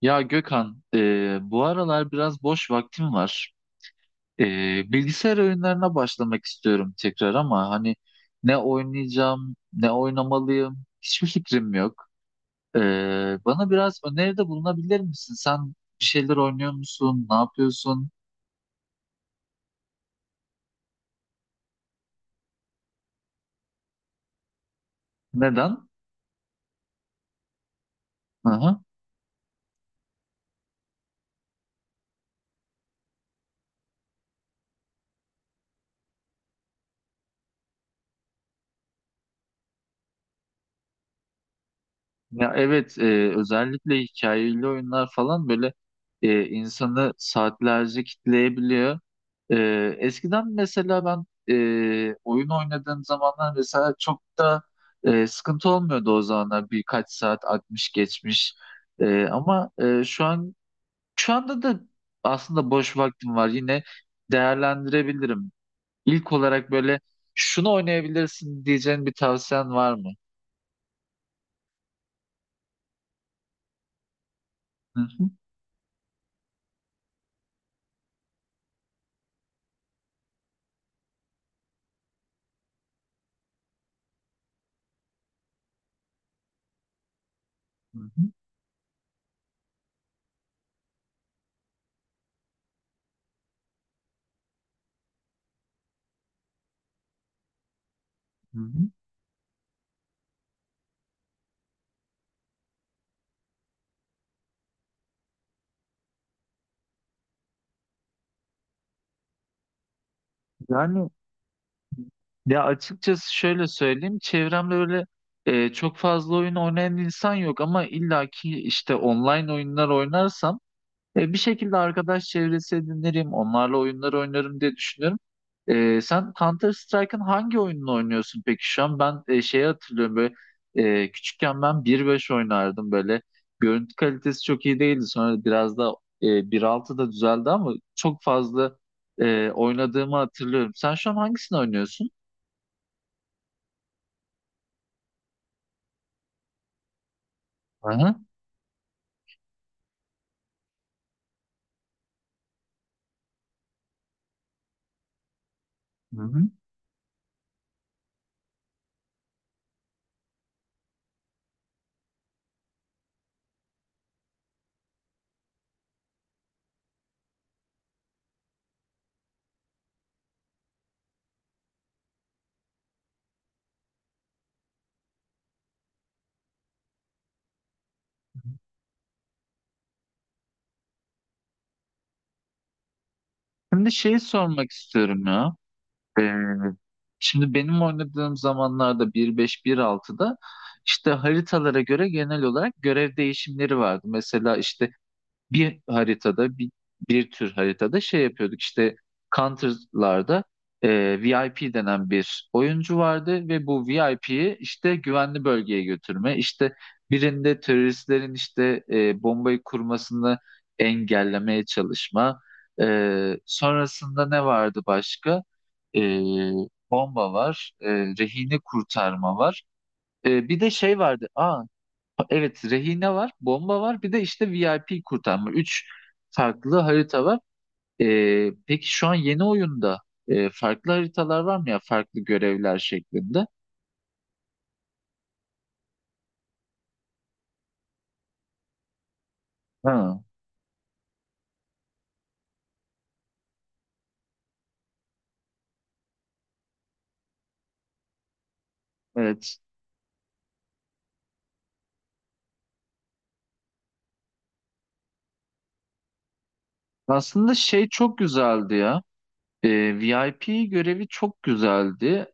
Ya Gökhan, bu aralar biraz boş vaktim var. E, Bilgisayar oyunlarına başlamak istiyorum tekrar ama hani ne oynayacağım, ne oynamalıyım, hiçbir fikrim yok. E, Bana biraz öneride bulunabilir misin? Sen bir şeyler oynuyor musun? Ne yapıyorsun? Neden? Hı hı. Ya evet, özellikle hikayeli oyunlar falan böyle insanı saatlerce kitleyebiliyor. E, Eskiden mesela ben oyun oynadığım zamanlar mesela çok da sıkıntı olmuyordu o zamanlar, birkaç saat akmış geçmiş. Ama şu an şu anda da aslında boş vaktim var, yine değerlendirebilirim. İlk olarak böyle şunu oynayabilirsin diyeceğin bir tavsiyen var mı? Hı hı, hı hı, hı hı. Yani Ya açıkçası şöyle söyleyeyim, çevremde öyle çok fazla oyun oynayan insan yok ama illaki işte online oyunlar oynarsam bir şekilde arkadaş çevresi edinirim, onlarla oyunlar oynarım diye düşünüyorum. Sen Counter Strike'ın hangi oyununu oynuyorsun peki şu an? Ben şeyi hatırlıyorum böyle, küçükken ben bir beş oynardım böyle. Görüntü kalitesi çok iyi değildi. Sonra biraz da bir altı da düzeldi ama çok fazla oynadığımı hatırlıyorum. Sen şu an hangisini oynuyorsun? Hı hı. Şimdi şeyi sormak istiyorum ya. Ee, şimdi benim oynadığım zamanlarda bir beş bir altıda işte haritalara göre genel olarak görev değişimleri vardı. Mesela işte bir haritada bir, bir tür haritada şey yapıyorduk işte, Counter'larda VIP denen bir oyuncu vardı ve bu VIP'yi işte güvenli bölgeye götürme, işte birinde teröristlerin işte bombayı kurmasını engellemeye çalışma. Sonrasında ne vardı başka? E, Bomba var, rehini kurtarma var, bir de şey vardı, aa evet, rehine var, bomba var, bir de işte VIP kurtarma. Üç farklı harita var. Peki şu an yeni oyunda farklı haritalar var mı ya? Farklı görevler şeklinde. Ha, evet. Aslında şey çok güzeldi ya. E, VIP görevi çok güzeldi.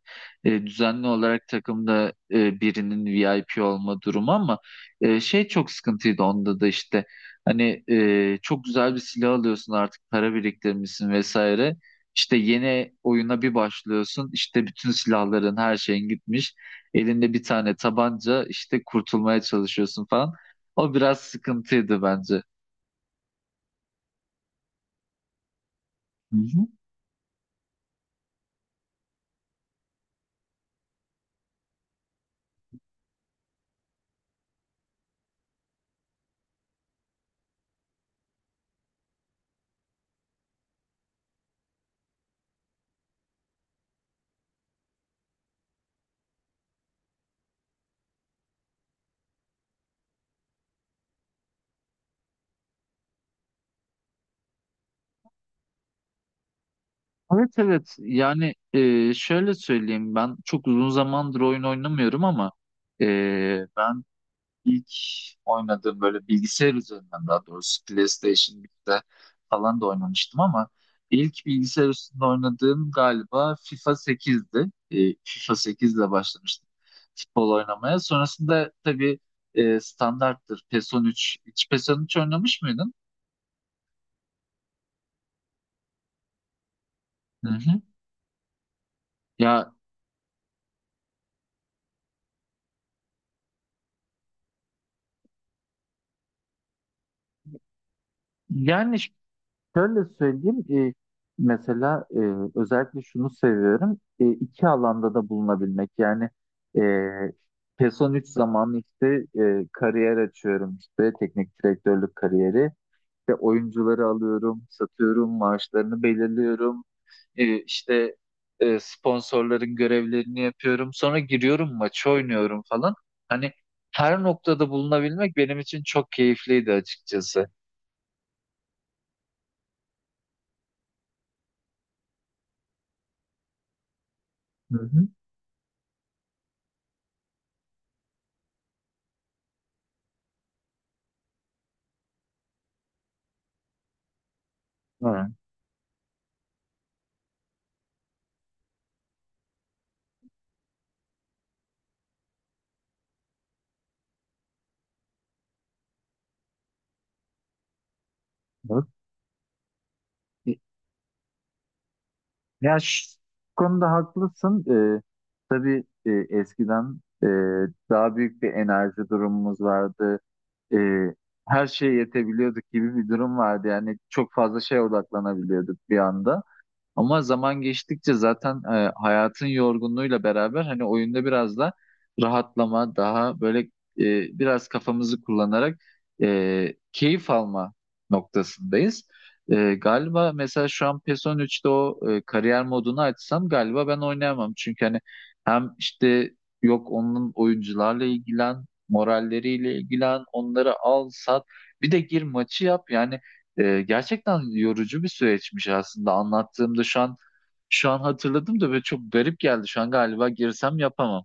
Düzenli olarak takımda birinin VIP olma durumu ama şey çok sıkıntıydı onda da işte. Hani çok güzel bir silah alıyorsun, artık para biriktirmişsin vesaire. İşte yeni oyuna bir başlıyorsun, işte bütün silahların her şeyin gitmiş. Elinde bir tane tabanca işte kurtulmaya çalışıyorsun falan. O biraz sıkıntıydı bence. Evet evet, yani şöyle söyleyeyim, ben çok uzun zamandır oyun oynamıyorum ama e, ben ilk oynadığım böyle bilgisayar üzerinden, daha doğrusu PlayStation 1'de falan da oynamıştım ama ilk bilgisayar üstünde oynadığım galiba FIFA 8'di. FIFA 8 ile başlamıştım futbol oynamaya. Sonrasında tabii standarttır PES 13. Hiç PES 13 oynamış mıydın? Hı hı. Ya yani Şöyle söyleyeyim, mesela özellikle şunu seviyorum, iki alanda da bulunabilmek. Yani e, PESON 3 zamanı işte kariyer açıyorum işte, teknik direktörlük kariyeri. İşte oyuncuları alıyorum, satıyorum, maaşlarını belirliyorum. E, işte sponsorların görevlerini yapıyorum. Sonra giriyorum, maçı oynuyorum falan. Hani her noktada bulunabilmek benim için çok keyifliydi açıkçası. Hı hı. Hı. Evet. Ya şu konuda haklısın. Ee, tabii eskiden daha büyük bir enerji durumumuz vardı. Ee, her şeye yetebiliyorduk gibi bir durum vardı. Yani çok fazla şeye odaklanabiliyorduk bir anda. Ama zaman geçtikçe zaten hayatın yorgunluğuyla beraber hani oyunda biraz da rahatlama, daha böyle biraz kafamızı kullanarak keyif alma noktasındayız. Galiba mesela şu an PES 13'te o kariyer modunu açsam galiba ben oynayamam. Çünkü hani hem işte yok, onun oyuncularla ilgilen, moralleriyle ilgilen, onları al, sat, bir de gir maçı yap, yani gerçekten yorucu bir süreçmiş aslında, anlattığımda şu an hatırladım da böyle çok garip geldi. Şu an galiba girsem yapamam.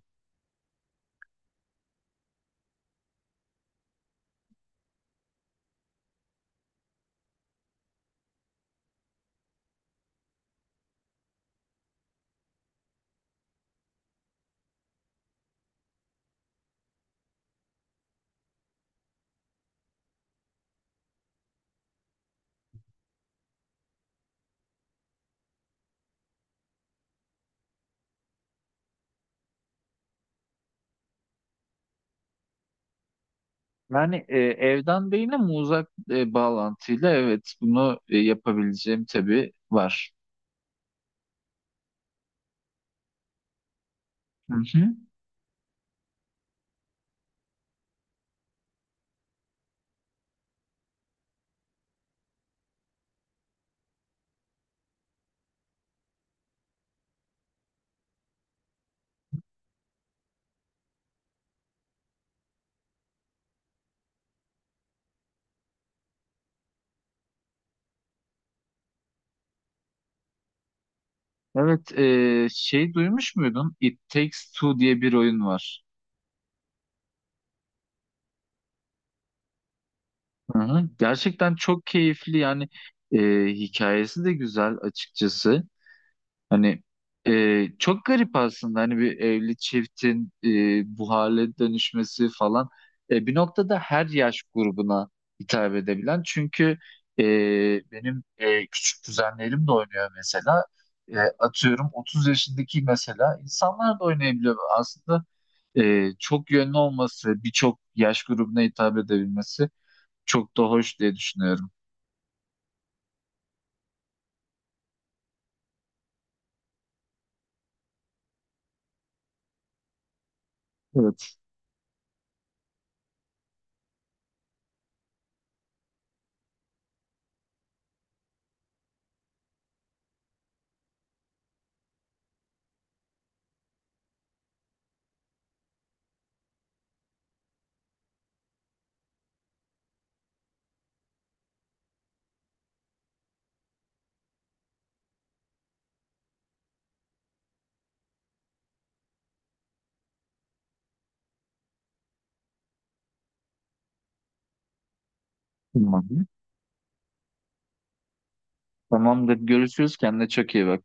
Yani evden değil ama uzak bağlantıyla evet, bunu yapabileceğim tabii var. Hı hı. Evet, şey duymuş muydun? It Takes Two diye bir oyun var. Hı hı. Gerçekten çok keyifli, yani hikayesi de güzel açıkçası. Hani çok garip aslında, hani bir evli çiftin bu hale dönüşmesi falan. Bir noktada her yaş grubuna hitap edebilen, çünkü e, benim küçük kuzenlerim de oynuyor mesela. Atıyorum, 30 yaşındaki mesela insanlar da oynayabiliyor aslında, çok yönlü olması, birçok yaş grubuna hitap edebilmesi çok da hoş diye düşünüyorum. Evet. Tamamdır. Tamamdır. Görüşürüz. Kendine çok iyi bak.